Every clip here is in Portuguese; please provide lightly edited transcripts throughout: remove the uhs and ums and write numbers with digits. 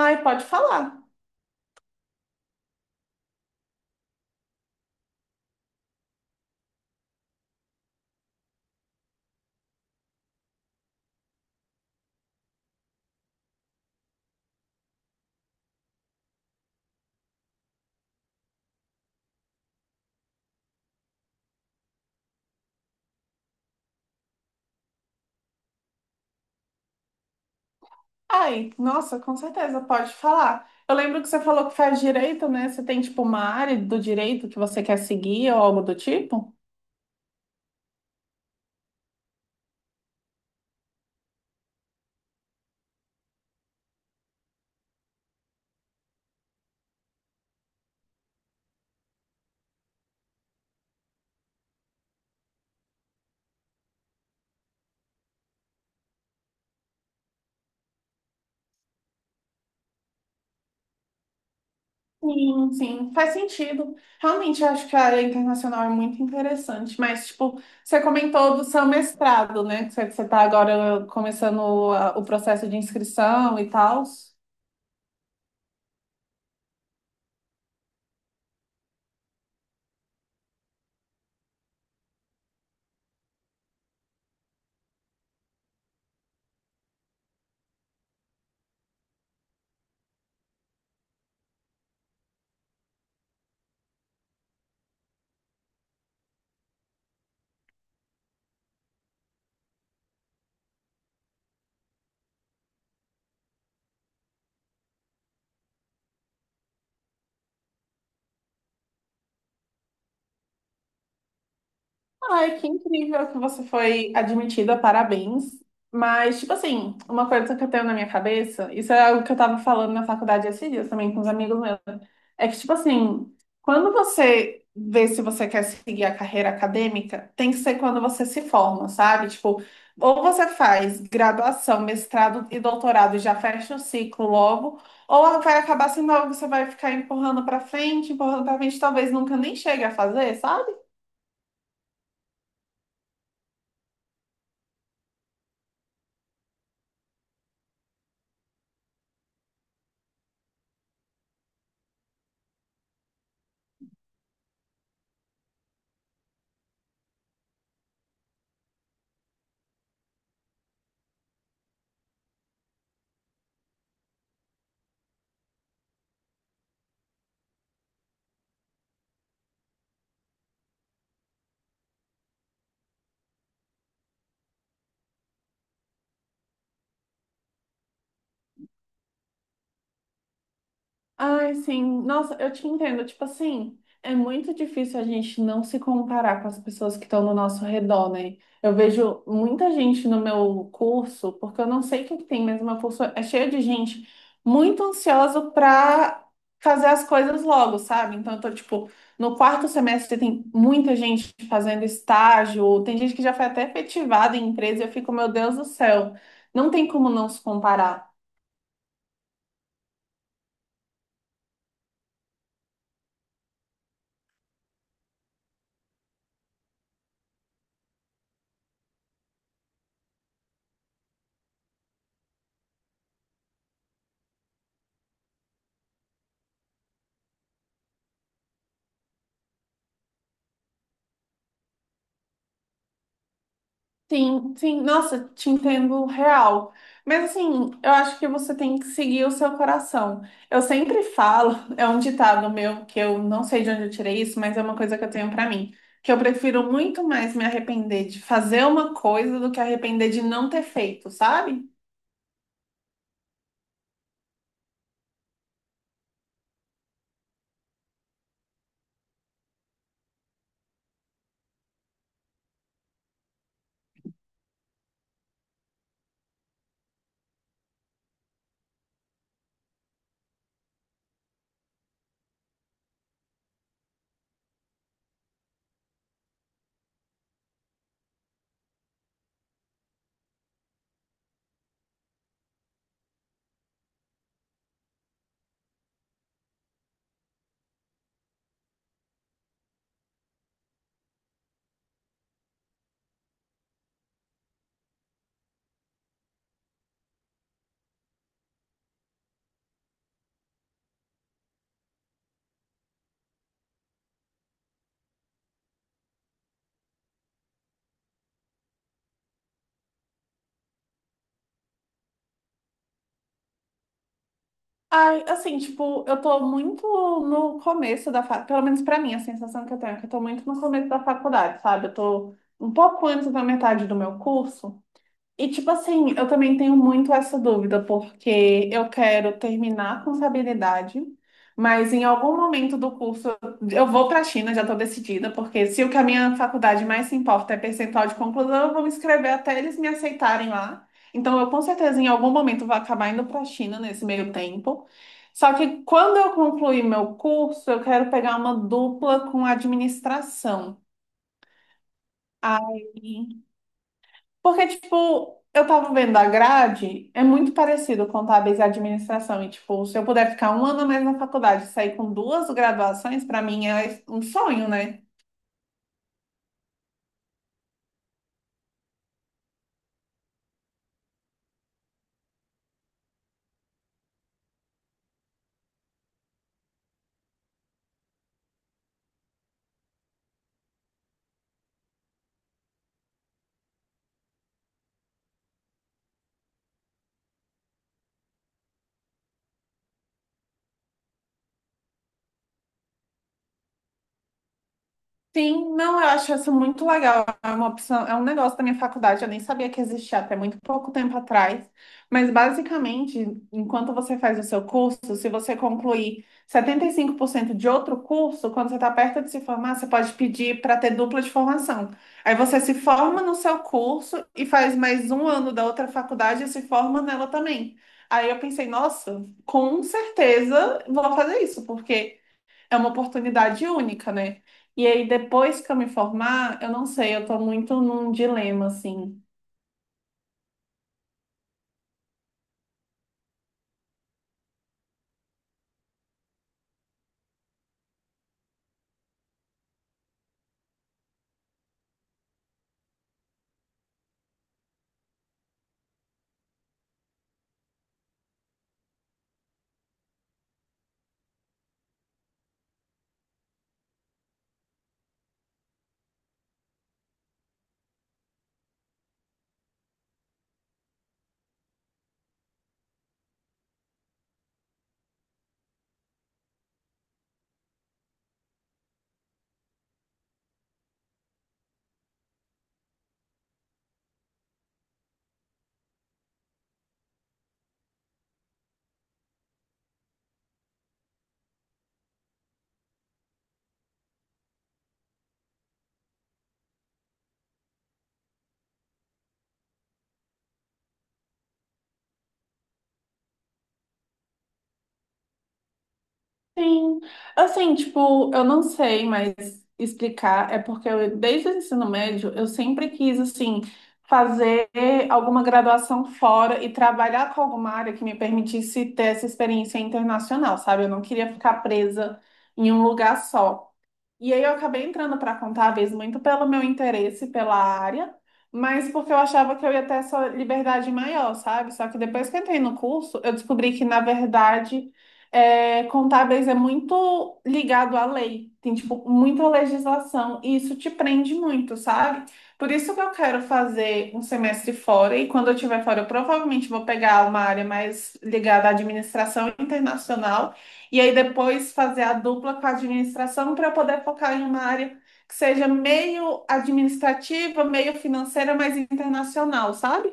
Ai, pode falar. Ai, nossa, com certeza, pode falar. Eu lembro que você falou que faz direito, né? Você tem, tipo, uma área do direito que você quer seguir ou algo do tipo? Sim, sim, faz sentido. Realmente, eu acho que a área internacional é muito interessante, mas, tipo, você comentou do seu mestrado, né? Que você está agora começando o processo de inscrição e tal. Ai, que incrível que você foi admitida, parabéns. Mas, tipo assim, uma coisa que eu tenho na minha cabeça, isso é algo que eu tava falando na faculdade esses dias também com os amigos meus, é que, tipo assim, quando você vê se você quer seguir a carreira acadêmica, tem que ser quando você se forma, sabe? Tipo, ou você faz graduação, mestrado e doutorado e já fecha o ciclo logo, ou vai acabar sendo algo que você vai ficar empurrando pra frente, talvez nunca nem chegue a fazer, sabe? Ai, sim. Nossa, eu te entendo. Tipo assim, é muito difícil a gente não se comparar com as pessoas que estão no nosso redor, né? Eu vejo muita gente no meu curso, porque eu não sei o que que tem, mas o meu curso é cheio de gente muito ansiosa para fazer as coisas logo, sabe? Então, eu tô, tipo, no quarto semestre tem muita gente fazendo estágio, tem gente que já foi até efetivada em empresa, e eu fico, meu Deus do céu, não tem como não se comparar. Sim, sim, nossa, te entendo real. Mas assim, eu acho que você tem que seguir o seu coração. Eu sempre falo, é um ditado meu que eu não sei de onde eu tirei isso, mas é uma coisa que eu tenho pra mim, que eu prefiro muito mais me arrepender de fazer uma coisa do que arrepender de não ter feito, sabe? Ai, assim, tipo, eu tô muito no começo da faculdade, pelo menos pra mim, a sensação que eu tenho é que eu tô muito no começo da faculdade, sabe? Eu tô um pouco antes da metade do meu curso. E, tipo assim, eu também tenho muito essa dúvida, porque eu quero terminar com contabilidade, mas em algum momento do curso eu vou para a China, já estou decidida, porque se o que a minha faculdade mais se importa é percentual de conclusão, eu vou me inscrever até eles me aceitarem lá. Então, eu com certeza em algum momento vou acabar indo para a China nesse meio tempo. Só que quando eu concluir meu curso, eu quero pegar uma dupla com administração. Aí. Porque, tipo, eu tava vendo a grade, é muito parecido contábeis e administração. E, tipo, se eu puder ficar um ano a mais na faculdade e sair com duas graduações, pra mim é um sonho, né? Sim, não, eu acho isso muito legal. É uma opção, é um negócio da minha faculdade, eu nem sabia que existia até muito pouco tempo atrás. Mas basicamente, enquanto você faz o seu curso, se você concluir 75% de outro curso, quando você está perto de se formar, você pode pedir para ter dupla de formação. Aí você se forma no seu curso e faz mais um ano da outra faculdade e se forma nela também. Aí eu pensei, nossa, com certeza vou fazer isso, porque é uma oportunidade única, né? E aí, depois que eu me formar, eu não sei, eu tô muito num dilema, assim. Sim, assim, tipo, eu não sei mais explicar, é porque eu, desde o ensino médio, eu sempre quis, assim, fazer alguma graduação fora e trabalhar com alguma área que me permitisse ter essa experiência internacional, sabe? Eu não queria ficar presa em um lugar só. E aí eu acabei entrando para contábeis muito pelo meu interesse pela área, mas porque eu achava que eu ia ter essa liberdade maior, sabe? Só que depois que eu entrei no curso, eu descobri que, na verdade, contábeis é muito ligado à lei. Tem, tipo, muita legislação e isso te prende muito, sabe? Por isso que eu quero fazer um semestre fora e quando eu estiver fora, eu provavelmente vou pegar uma área mais ligada à administração internacional e aí depois fazer a dupla com a administração para eu poder focar em uma área que seja meio administrativa, meio financeira, mas internacional, sabe?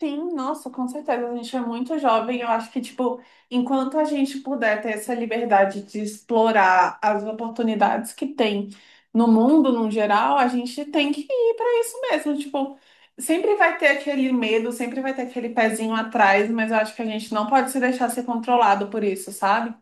Sim, nossa, com certeza. A gente é muito jovem. Eu acho que, tipo, enquanto a gente puder ter essa liberdade de explorar as oportunidades que tem no mundo, no geral, a gente tem que ir para isso mesmo. Tipo, sempre vai ter aquele medo, sempre vai ter aquele pezinho atrás, mas eu acho que a gente não pode se deixar ser controlado por isso, sabe?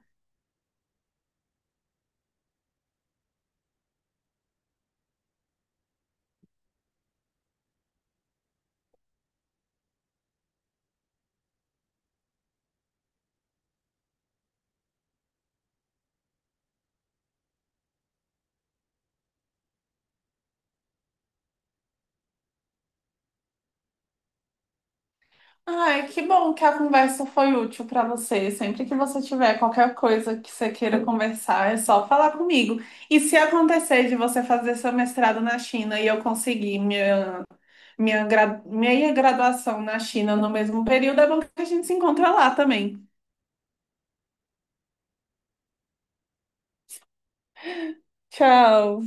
Ai, que bom que a conversa foi útil para você. Sempre que você tiver qualquer coisa que você queira conversar, é só falar comigo. E se acontecer de você fazer seu mestrado na China e eu conseguir minha, minha, minha graduação na China no mesmo período, é bom que a gente se encontra lá também. Tchau.